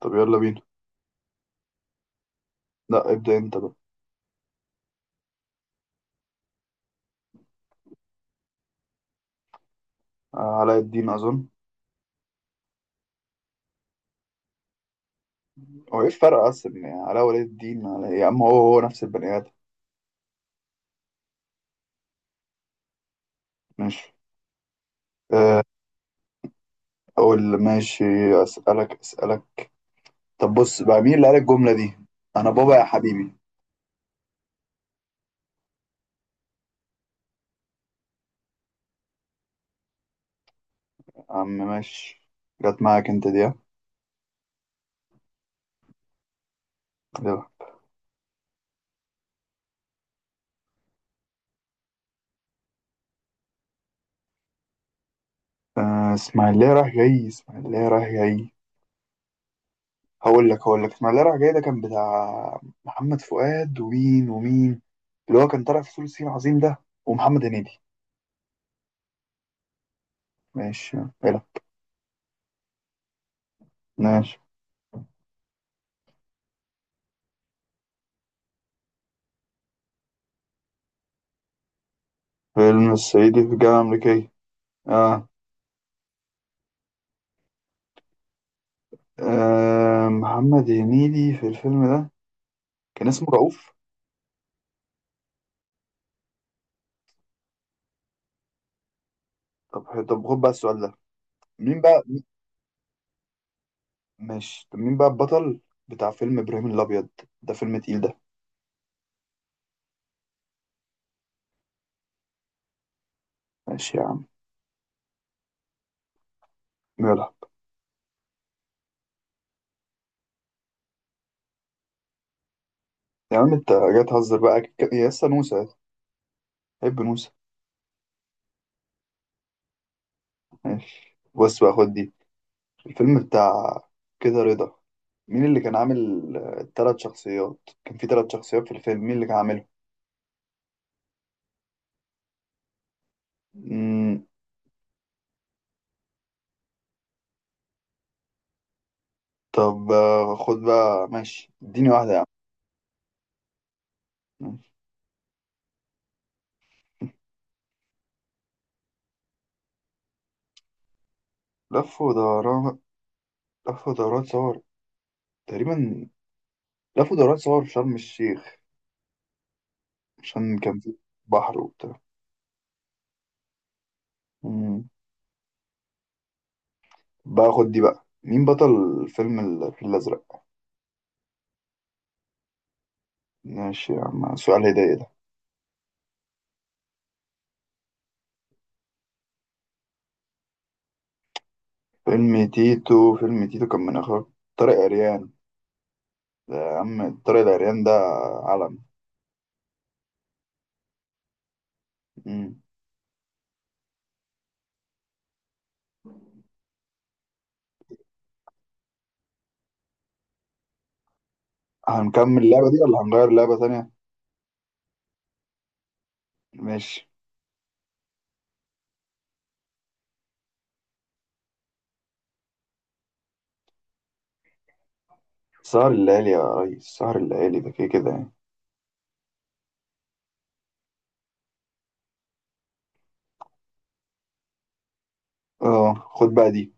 طب يلا بينا. لا ابدأ انت بقى. علاء الدين اظن. هو ايه الفرق اصلا يعني علاء ولي الدين على إيه؟ يا عم هو نفس البني ادم. ماشي. آه، اقول ماشي. اسالك. طب بص بقى، مين اللي قال الجملة دي: انا بابا يا حبيبي؟ يا عم ماشي. جت معاك انت دي ها؟ يلا. اسماعيلية رايح جاي. هقول لك اسماعيلية رايح جاي ده كان بتاع محمد فؤاد ومين ومين، اللي هو كان طالع في فول الصين العظيم ده، ومحمد هنيدي. ماشي. يلا. ماشي. فيلم الصعيدي في الجامعة الأمريكية. آه. آه محمد هنيدي في الفيلم ده كان اسمه رؤوف. طب طب خد بقى السؤال ده. مين بقى؟ ماشي، طب مين بقى البطل بتاع فيلم إبراهيم الأبيض؟ ده فيلم تقيل ده. ماشي يا عم. يلا. يا عم أنت جاي تهزر بقى، أكيد يا لسه نوسة، حب نوسة. ماشي، بص بقى خد دي. الفيلم بتاع كده رضا، مين اللي كان عامل الثلاث شخصيات؟ كان في ثلاث شخصيات في الفيلم، مين اللي كان عاملهم؟ طب خد بقى ماشي، اديني واحدة يا عم. لف ودوران. لف ودوران صور تقريبا. لف ودوران صور في شرم الشيخ، عشان كان في بحر وبتاع. مم. بقى خد دي، بقى مين بطل فيلم الفيل الأزرق؟ ماشي يا عم، سؤال هداية ده. فيلم تيتو كان من إخراج طارق عريان. ده يا عم طارق العريان ده علم. مم. هنكمل اللعبة دي ولا هنغير لعبة تانية؟ ماشي. سهر الليالي يا ريس، سهر الليالي ده كده كده يعني. اه خد بقى دي.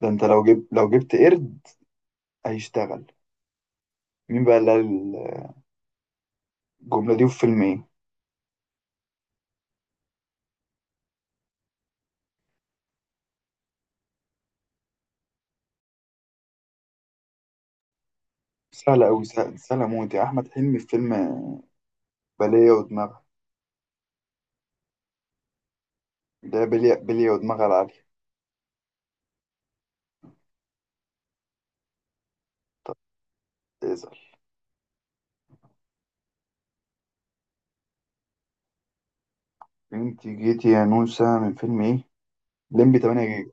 ده انت لو جبت قرد هيشتغل. مين بقى اللي قال الجملة دي في فيلم ايه؟ سهلة أوي سهلة, سهلة موت يا أحمد حلمي في فيلم بلية ودماغها اللي هي بلية بلية ودماغها العالية. طب اسأل. انت جيتي يا نوسة من فيلم ايه؟ ليمبي 8 جيجا.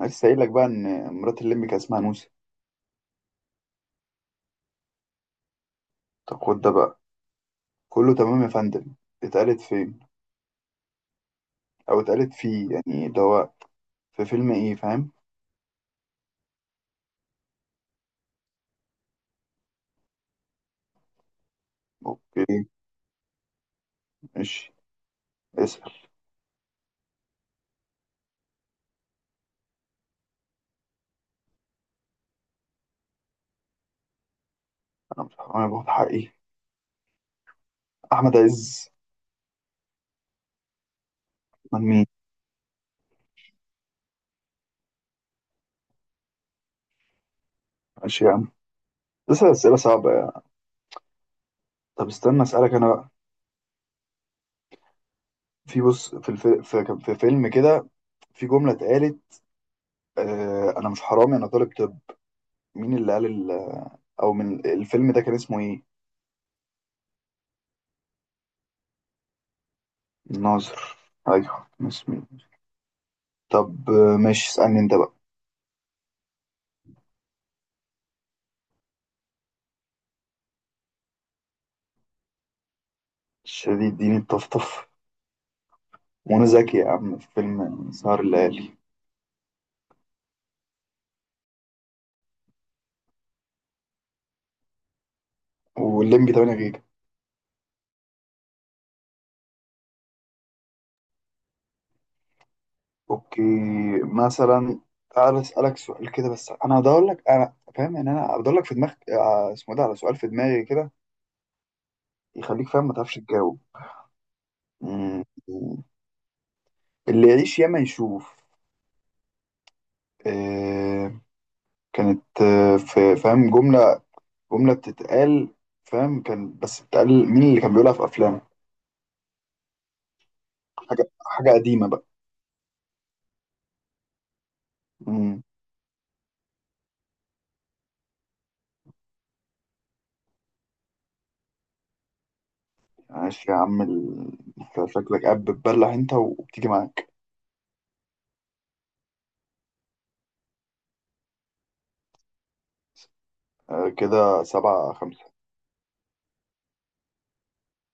أنا لسه قايل لك بقى إن مرات الليمبي كان اسمها نوسة. طب خد ده بقى: كله تمام يا فندم، اتقالت فين؟ أو اتقالت فيه يعني ده هو، في فيلم ايه فاهم؟ اوكي، ماشي، اسأل. أنا مش- أنا باخد حقي، أحمد عز. من مين؟ ماشي يا عم، بس أسئلة صعبة يعني. طب استنى أسألك أنا بقى. في بص في الف... في... كان في فيلم كده، في جملة اتقالت: آه أنا مش حرامي أنا طالب. طب مين اللي قال ال... أو من الفيلم ده كان اسمه إيه؟ الناظر. أيوه كان اسمه إيه؟ طب ماشي، اسألني أنت بقى. شديد، اديني الطفطف، وأنا ذكي، يا عم في فيلم سهر الليالي والليمبي 8 جيجا. أوكي. مثلا تعالى أسألك سؤال كده، بس أنا هدور لك. أنا فاهم يعني، أنا هدور لك في دماغك اسمه ده، على سؤال في دماغي كده يخليك فاهم ما تعرفش تجاوب. مم. اللي يعيش ياما يشوف. آه كانت آه في فاهم جملة، جملة بتتقال، فاهم كان بس بتتقال، مين اللي كان بيقولها في أفلام؟ حاجة قديمة بقى. مم. عاش يا عم أنت شكلك قاعد بتبلح أنت وبتيجي معاك. آه كده سبعة خمسة.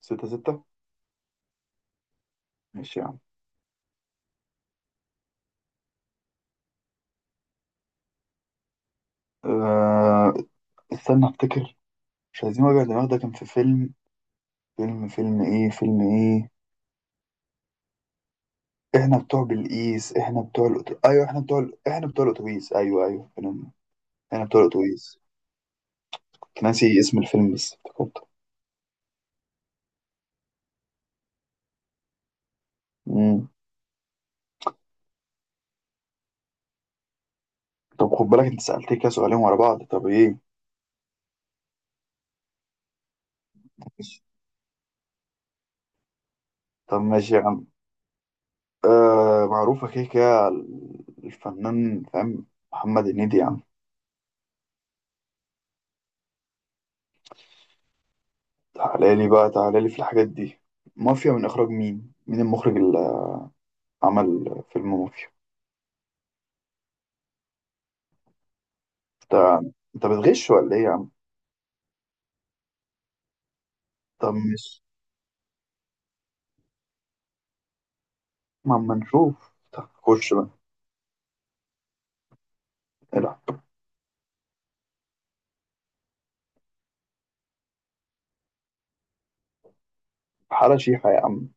ستة ستة. ماشي يا عم. آه استنى أفتكر. مش عايزين وجع دماغ، ده كان في فيلم فيلم إيه؟ احنا بتوع بالقيس احنا بتوع الأتو... ايوه احنا بتوع الاتوبيس، ايوه ايوه، إحنا بتوع الاتوبيس. كنت ناسي اسم الفيلم بس افتكرته. أمم. طب خد بالك انت سألتني كده سؤالين ورا بعض. طب ايه ماشي. طب ماشي يا عم، آه معروفة كده كده، الفنان فاهم، محمد هنيدي يا عم. تعالى لي بقى، تعالى لي في الحاجات دي. مافيا من اخراج مين؟ مين المخرج اللي عمل فيلم مافيا؟ انت انت بتغش ولا ايه يا عم؟ طب ماشي، ما اما نشوف، طب خش بقى. حالة شيحة يا عم.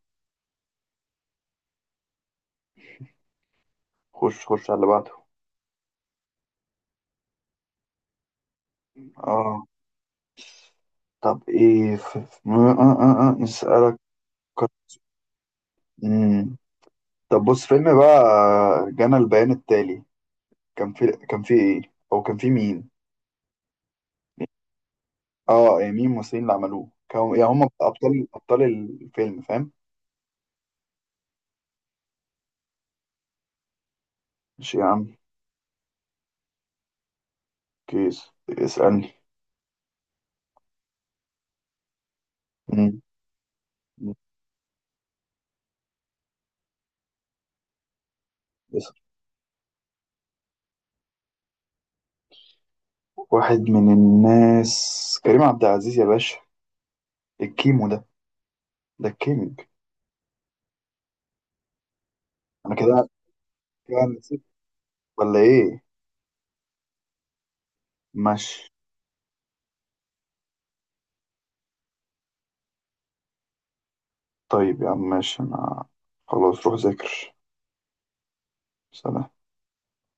خش على اللي بعده. اه طب ايه نسألك. مم. طب بص فيلم بقى، جانا البيان التالي، كان في، كان في ايه او كان في مين؟ اه إيه مين الممثلين اللي عملوه، كانوا يعني هم ابطال، ابطال الفيلم فاهم؟ ماشي يا عم. كيس اسألني. مم. اسأل. واحد من الناس، كريم عبد العزيز يا باشا، الكيمو ده، ده الكينج. انا كده كده نسيت ولا ايه؟ ماشي. طيب يا عم ماشي، انا خلاص روح ذاكر. سلام.